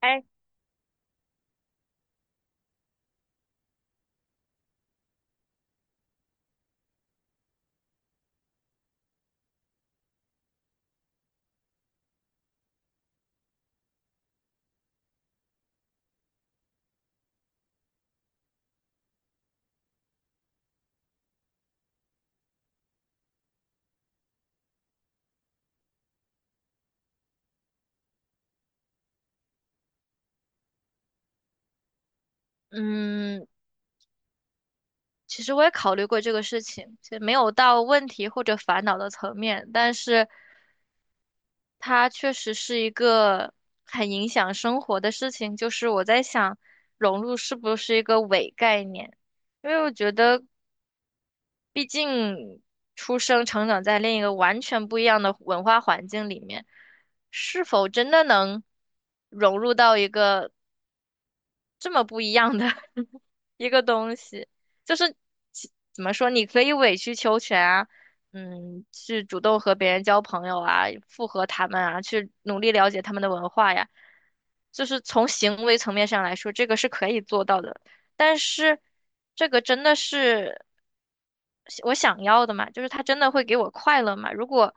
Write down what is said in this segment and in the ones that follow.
哎，嗯，其实我也考虑过这个事情，其实没有到问题或者烦恼的层面，但是它确实是一个很影响生活的事情。就是我在想，融入是不是一个伪概念？因为我觉得，毕竟出生成长在另一个完全不一样的文化环境里面，是否真的能融入到一个？这么不一样的 一个东西，就是怎么说，你可以委曲求全啊，去主动和别人交朋友啊，附和他们啊，去努力了解他们的文化呀，就是从行为层面上来说，这个是可以做到的，但是这个真的是我想要的嘛，就是他真的会给我快乐嘛？如果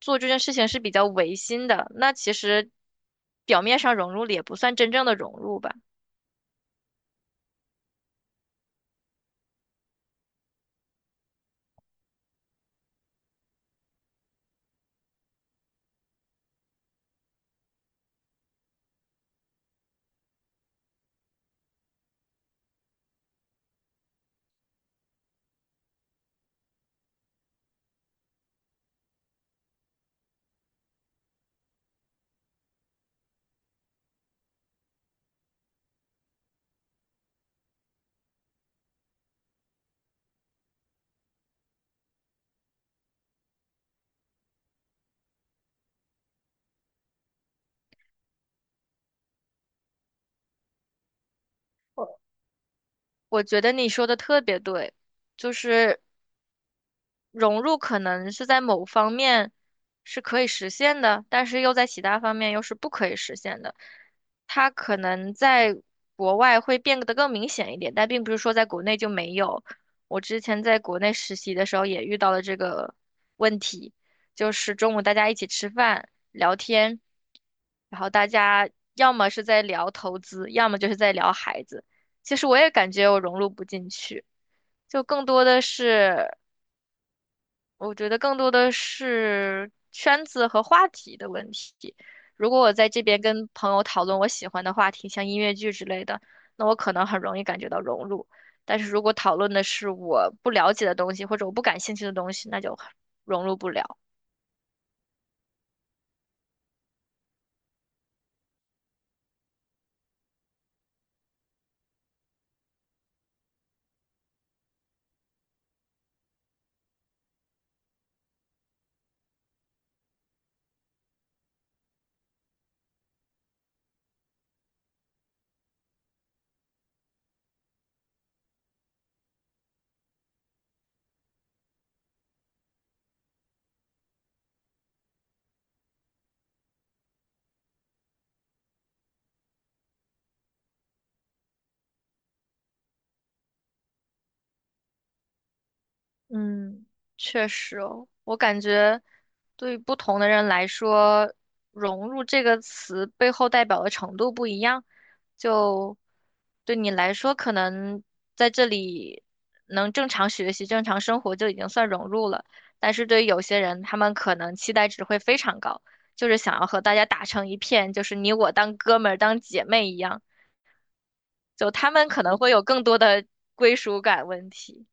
做这件事情是比较违心的，那其实表面上融入了也不算真正的融入吧。我觉得你说的特别对，就是融入可能是在某方面是可以实现的，但是又在其他方面又是不可以实现的。它可能在国外会变得更明显一点，但并不是说在国内就没有。我之前在国内实习的时候也遇到了这个问题，就是中午大家一起吃饭聊天，然后大家要么是在聊投资，要么就是在聊孩子。其实我也感觉我融入不进去。就更多的是，我觉得更多的是圈子和话题的问题。如果我在这边跟朋友讨论我喜欢的话题，像音乐剧之类的，那我可能很容易感觉到融入。但是如果讨论的是我不了解的东西，或者我不感兴趣的东西，那就很融入不了。嗯，确实哦，我感觉对于不同的人来说，融入这个词背后代表的程度不一样。就对你来说，可能在这里能正常学习、正常生活就已经算融入了。但是对于有些人，他们可能期待值会非常高，就是想要和大家打成一片，就是你我当哥们儿、当姐妹一样。就他们可能会有更多的归属感问题。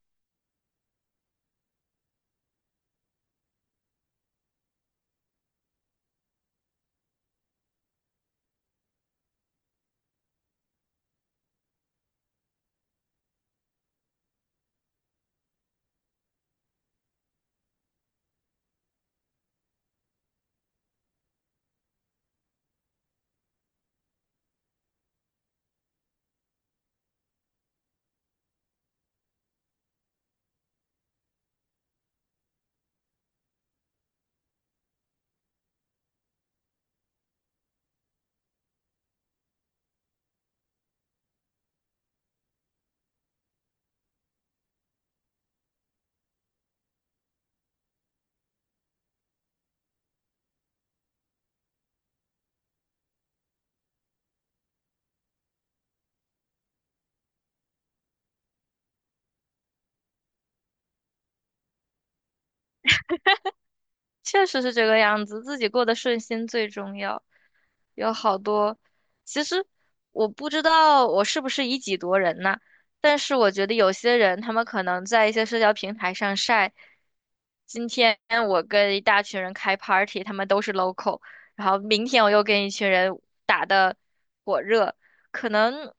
确实是这个样子，自己过得顺心最重要。有好多，其实我不知道我是不是以己度人呐，但是我觉得有些人他们可能在一些社交平台上晒，今天我跟一大群人开 party,他们都是 local,然后明天我又跟一群人打的火热，可能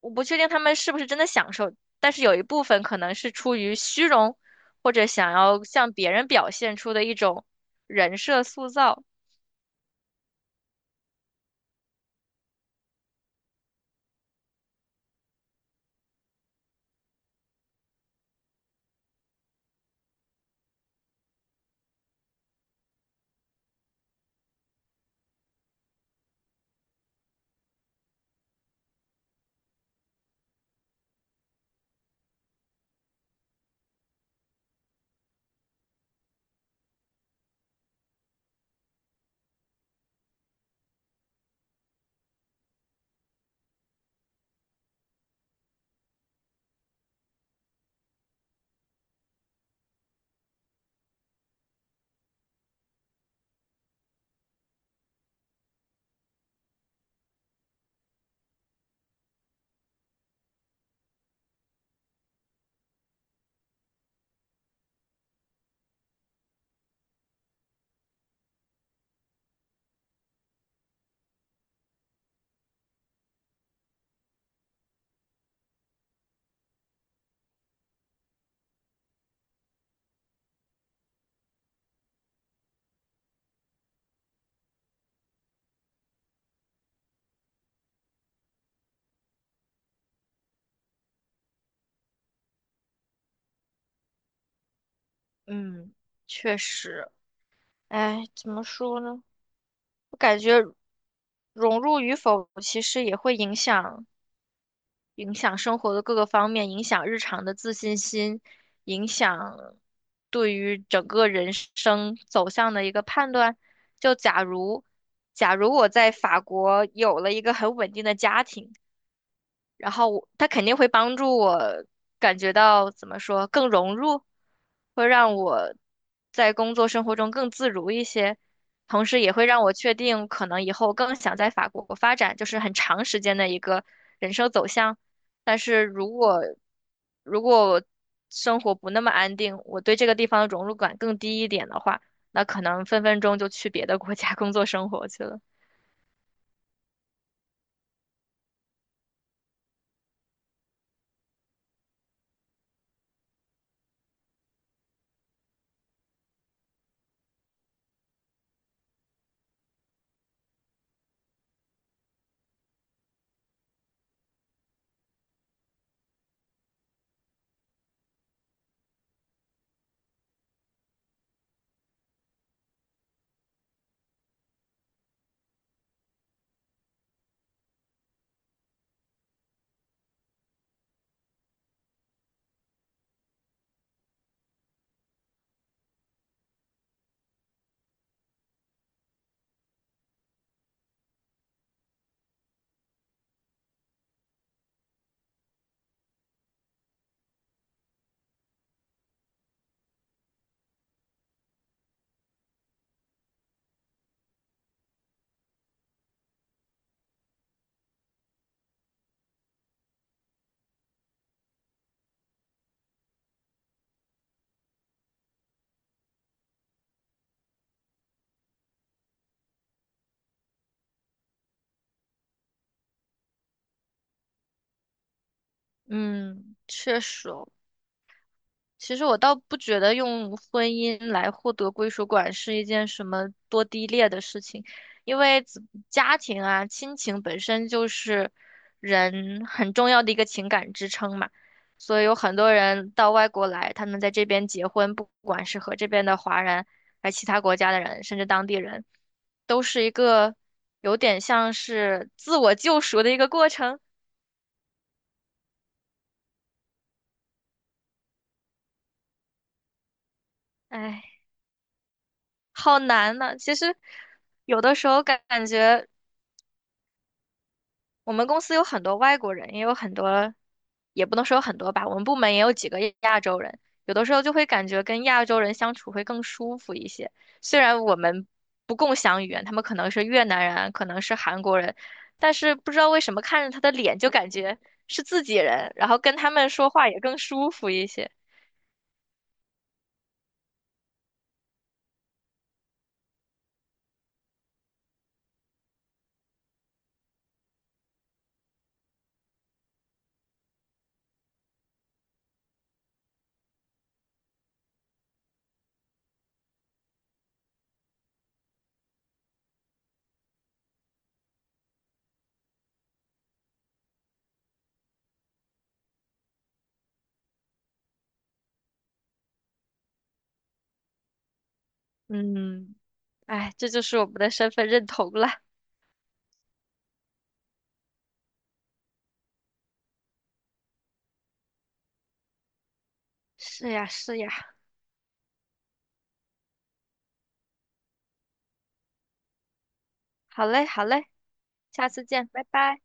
我不确定他们是不是真的享受，但是有一部分可能是出于虚荣。或者想要向别人表现出的一种人设塑造。嗯，确实，哎，怎么说呢？我感觉融入与否其实也会影响生活的各个方面，影响日常的自信心，影响对于整个人生走向的一个判断。就假如，假如我在法国有了一个很稳定的家庭。然后我它肯定会帮助我感觉到怎么说更融入，会让我在工作生活中更自如一些，同时也会让我确定可能以后更想在法国发展，就是很长时间的一个人生走向。但是如果我生活不那么安定，我对这个地方的融入感更低一点的话，那可能分分钟就去别的国家工作生活去了。嗯，确实，其实我倒不觉得用婚姻来获得归属感是一件什么多低劣的事情，因为子家庭啊、亲情本身就是人很重要的一个情感支撑嘛，所以有很多人到外国来，他们在这边结婚，不管是和这边的华人，还是其他国家的人，甚至当地人，都是一个有点像是自我救赎的一个过程。唉，好难呐，其实有的时候感觉。我们公司有很多外国人，也有很多，也不能说有很多吧，我们部门也有几个亚洲人，有的时候就会感觉跟亚洲人相处会更舒服一些。虽然我们不共享语言，他们可能是越南人，可能是韩国人，但是不知道为什么看着他的脸就感觉是自己人，然后跟他们说话也更舒服一些。嗯，哎，这就是我们的身份认同了。是呀，是呀。好嘞，好嘞，下次见，拜拜。